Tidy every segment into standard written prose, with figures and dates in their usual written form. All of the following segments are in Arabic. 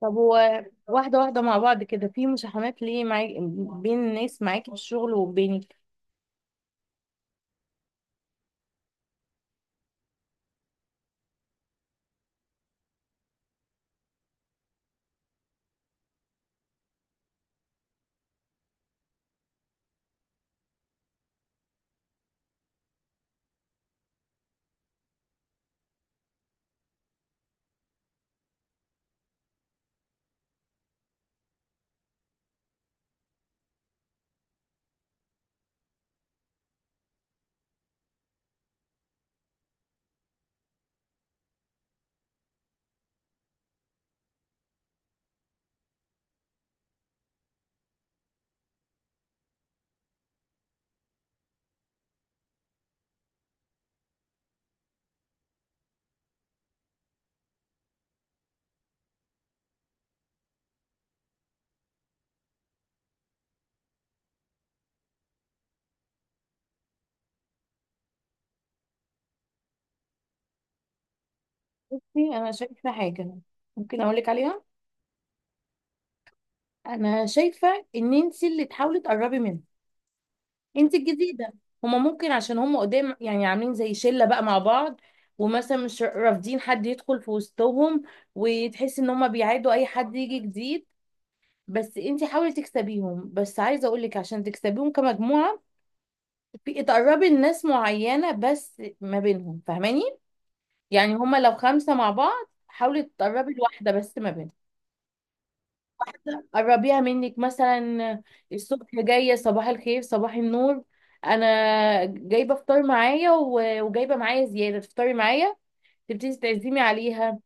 طب هو واحدة واحدة مع بعض كده في مشاحنات ليه معاك؟ بين الناس معاك في الشغل وبينك. بصي، أنا شايفة حاجة ممكن أقولك عليها. أنا شايفة إن أنت اللي تحاولي تقربي منهم. أنت الجديدة. هما ممكن عشان هما قدام يعني عاملين زي شلة بقى مع بعض، ومثلا مش رافضين حد يدخل في وسطهم، وتحسي إن هما بيعادوا أي حد يجي جديد. بس انت حاولي تكسبيهم، بس عايزه اقول لك عشان تكسبيهم كمجموعه، في تقربي الناس معينه بس ما بينهم، فاهماني؟ يعني هما لو خمسة مع بعض حاولي تقربي لواحدة بس ما بينهم. قربيها منك مثلا. الصبح جاية صباح الخير صباح النور. أنا جايبة فطار معايا و- وجايبة معايا زيادة تفطري معايا. تبتدي تعزمي عليها.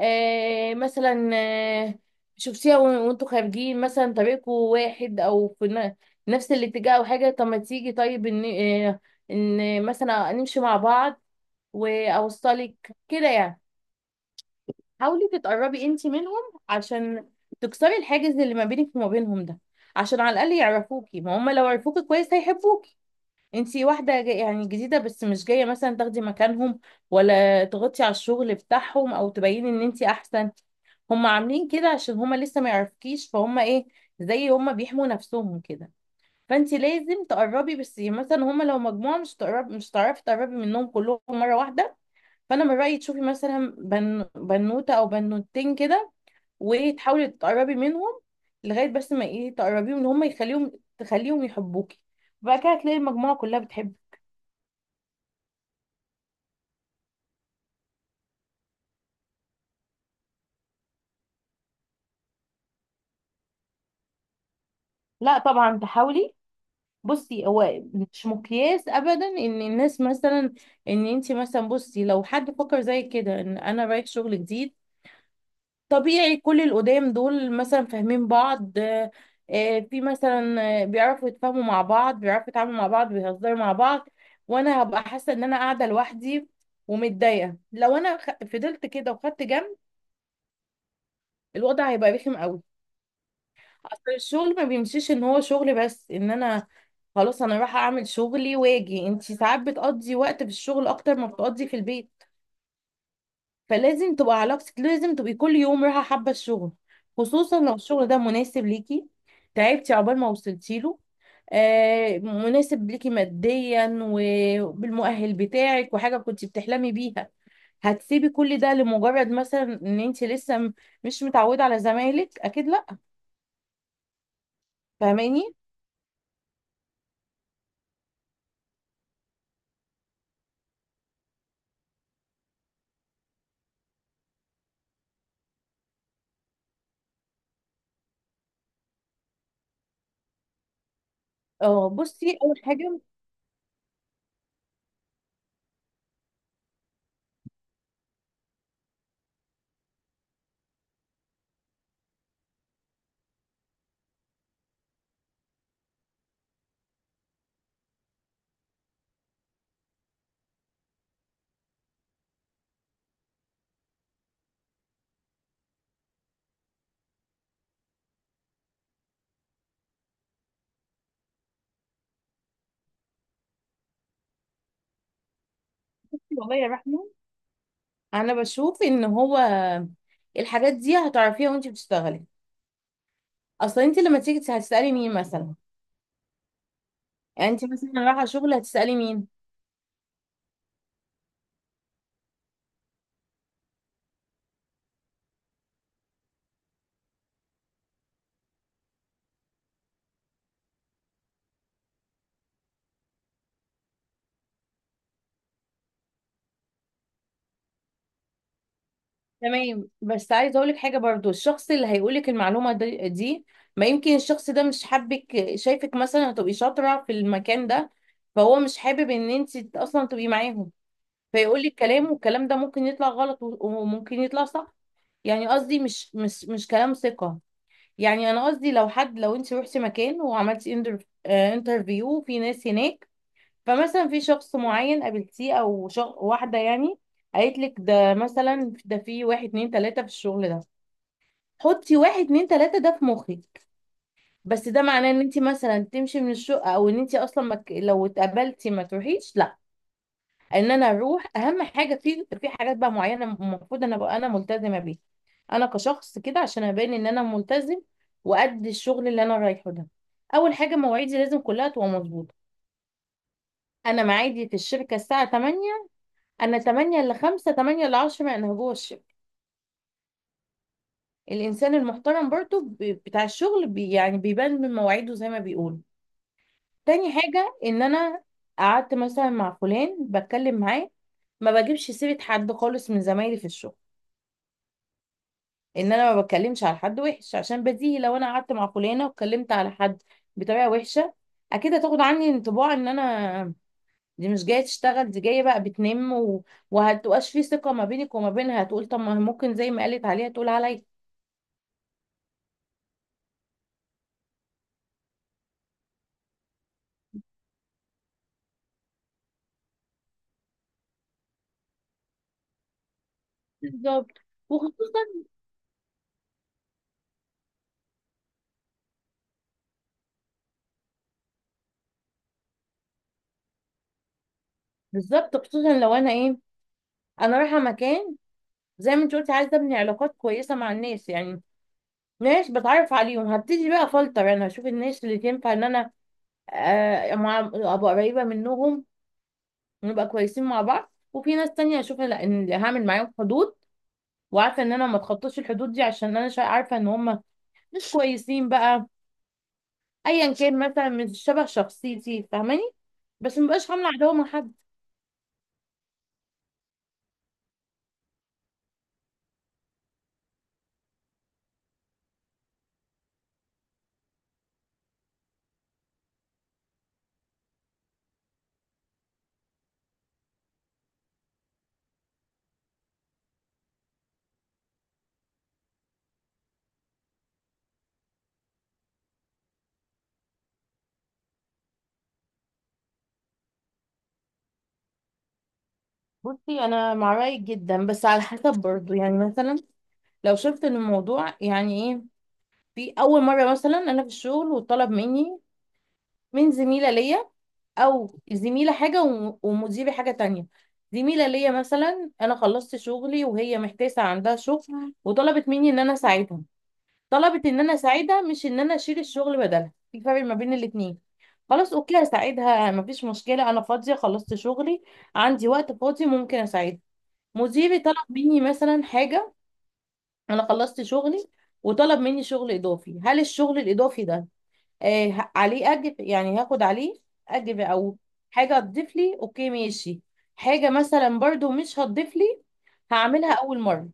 مثلا. آه شوفيها وان- وانتوا خارجين مثلا طريقكم واحد أو في نفس الاتجاه أو حاجة، طب ما تيجي طيب إن آه إن مثلا نمشي مع بعض وأوصلك كده يعني. حاولي تتقربي انتي منهم عشان تكسري الحاجز اللي ما بينك وما بينهم ده، عشان على الاقل يعرفوكي، ما هم لو عرفوكي كويس هيحبوكي. انتي واحده جاي يعني جديده بس مش جايه مثلا تاخدي مكانهم، ولا تغطي على الشغل بتاعهم او تبيني ان انتي احسن. هم عاملين كده عشان هم لسه ما يعرفكيش، فهم ايه زي هم بيحموا نفسهم كده. فانتي لازم تقربي، بس يعني مثلا هم لو مجموعه مش تقرب، مش هتعرفي تقربي منهم كلهم مره واحده. فانا من رايي تشوفي مثلا بنوته او بنوتين كده، وتحاولي تقربي منهم لغايه بس ما ايه تقربيهم ان هم يخليهم تخليهم يحبوكي. بعد كده هتلاقي المجموعه كلها بتحبك. لا طبعا تحاولي. بصي هو مش مقياس ابدا ان الناس مثلا، ان انت مثلا، بصي لو حد فكر زي كده ان انا رايح شغل جديد طبيعي كل القدام دول مثلا فاهمين بعض، في مثلا، بيعرفوا يتفاهموا مع بعض، بيعرفوا يتعاملوا مع بعض، بيهزروا مع بعض، وانا هبقى حاسه ان انا قاعده لوحدي ومتضايقه. لو انا فضلت كده وخدت جنب الوضع هيبقى رخم قوي. اصل الشغل ما بيمشيش ان هو شغل بس، ان انا خلاص انا رايحه اعمل شغلي واجي، انتي ساعات بتقضي وقت في الشغل اكتر ما بتقضي في البيت. فلازم تبقى علاقتك، لازم تبقي كل يوم رايحه حابه الشغل، خصوصا لو الشغل ده مناسب ليكي. تعبتي عقبال ما وصلتي له. مناسب ليكي ماديا وبالمؤهل بتاعك وحاجه كنت بتحلمي بيها، هتسيبي كل ده لمجرد مثلا ان انت لسه مش متعوده على زمايلك؟ اكيد لا. فاهماني؟ اه. بصي اول حاجه، بصي والله يا رحمه، انا بشوف ان هو الحاجات دي هتعرفيها وانت بتشتغلي. اصلا انت لما تيجي هتسالي مين مثلا، يعني انت مثلا رايحه شغل هتسالي مين. تمام. بس عايزه اقول لك حاجه برضو، الشخص اللي هيقول لك المعلومه دي ما يمكن الشخص ده مش حابك، شايفك مثلا هتبقي شاطره في المكان ده فهو مش حابب ان انت اصلا تبقي معاهم، فيقول لك كلام والكلام ده ممكن يطلع غلط و- وممكن يطلع صح. يعني قصدي مش كلام ثقه. يعني انا قصدي لو حد، لو انت روحتي مكان وعملتي انترفيو في ناس هناك، فمثلا في شخص معين قابلتيه او واحده يعني قالت لك ده، مثلا ده في واحد اتنين تلاته في الشغل ده، حطي واحد اتنين تلاته ده في مخك، بس ده معناه ان انت مثلا تمشي من الشقه او ان انت اصلا ما لو اتقابلتي ما تروحيش؟ لا. ان انا اروح، اهم حاجه في حاجات بقى معينه المفروض انا ابقى انا ملتزمه بيها، انا كشخص كده عشان ابين ان انا ملتزم وقد الشغل اللي انا رايحه ده. اول حاجه، مواعيدي لازم كلها تبقى مظبوطه. انا معادي في الشركه الساعه 8، انا 8 ل 5 8 ل 10 ما انهجوش. الانسان المحترم برضو بتاع الشغل يعني بيبان من مواعيده زي ما بيقولوا. تاني حاجة ان انا قعدت مثلا مع فلان بتكلم معاه، ما بجيبش سيرة حد خالص من زمايلي في الشغل، ان انا ما بتكلمش على حد وحش، عشان بديهي لو انا قعدت مع فلانة واتكلمت على حد بطريقة وحشة اكيد هتاخد عني انطباع ان انا دي مش جاية تشتغل، دي جاية بقى بتنم، وهتبقاش في ثقة ما بينك وما بينها، هتقول طب ما ممكن زي ما قالت عليها تقول عليا. بالظبط، وخصوصا، بالظبط خصوصا لو انا ايه، انا رايحه مكان زي ما انت قلتي عايزه ابني علاقات كويسه مع الناس، يعني ناس بتعرف عليهم هبتدي بقى فلتر، انا هشوف الناس اللي تنفع ان انا مع ابقى قريبه منهم ونبقى كويسين مع بعض، وفي ناس تانية هشوف لا، ان هعمل معاهم حدود وعارفه ان انا ما اتخطاش الحدود دي عشان انا عارفه ان هم مش كويسين بقى، ايا كان مثلا مش شبه شخصيتي، فاهماني؟ بس مبقاش عامله عداوه مع حد. بصي انا مع رايك جدا بس على حسب برضو. يعني مثلا لو شفت ان الموضوع يعني ايه، في اول مره مثلا انا في الشغل وطلب مني من زميله ليا، او زميله حاجه وم- ومديري حاجه تانية. زميله ليا مثلا انا خلصت شغلي وهي محتاسه عندها شغل وطلبت مني ان انا اساعدها، طلبت ان انا اساعدها مش ان انا اشيل الشغل بدلها، في فرق ما بين الاتنين. خلاص اوكي هساعدها مفيش مشكله، انا فاضيه خلصت شغلي عندي وقت فاضي ممكن اساعدها. مديري طلب مني مثلا حاجة، أنا خلصت شغلي وطلب مني شغل إضافي، هل الشغل الإضافي ده عليه أجر؟ يعني هاخد عليه أجر أو حاجة هتضيف لي؟ أوكي ماشي. حاجة مثلا برضو مش هتضيف لي هعملها أول مرة،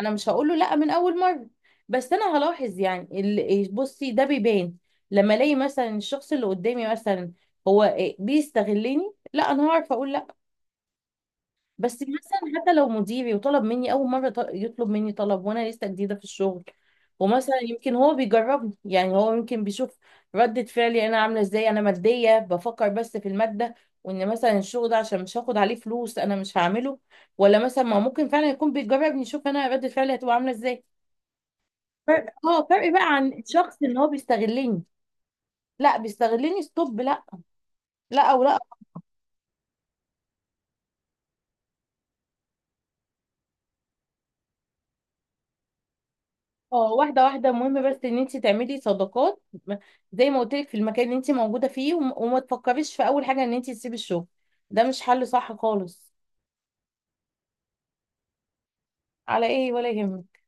أنا مش هقول له لأ من أول مرة، بس أنا هلاحظ. يعني ال- إيه، بصي ده بيبان لما ألاقي مثلا الشخص اللي قدامي مثلا هو بيستغلني، لا أنا هعرف أقول. بس مثلا حتى لو مديري وطلب مني اول مره يطلب مني طلب وانا لسه جديده في الشغل، ومثلا يمكن هو بيجربني، يعني هو يمكن بيشوف ردة فعلي انا عامله ازاي، انا ماديه بفكر بس في الماده وان مثلا الشغل ده عشان مش هاخد عليه فلوس انا مش هعمله، ولا مثلا ما ممكن فعلا يكون بيجربني يشوف انا ردة فعلي هتبقى عامله ازاي. فرق، اه، فرق بقى عن الشخص ان هو بيستغلني، لا بيستغلني ستوب، لا. لا او لا. اه، واحدة واحدة، المهم بس ان انت تعملي صداقات زي ما قلت لك في المكان اللي انت موجودة فيه، وم- وما تفكريش في اول حاجة ان انت تسيبي الشغل، ده مش حل صح خالص. على ايه، ولا يهمك.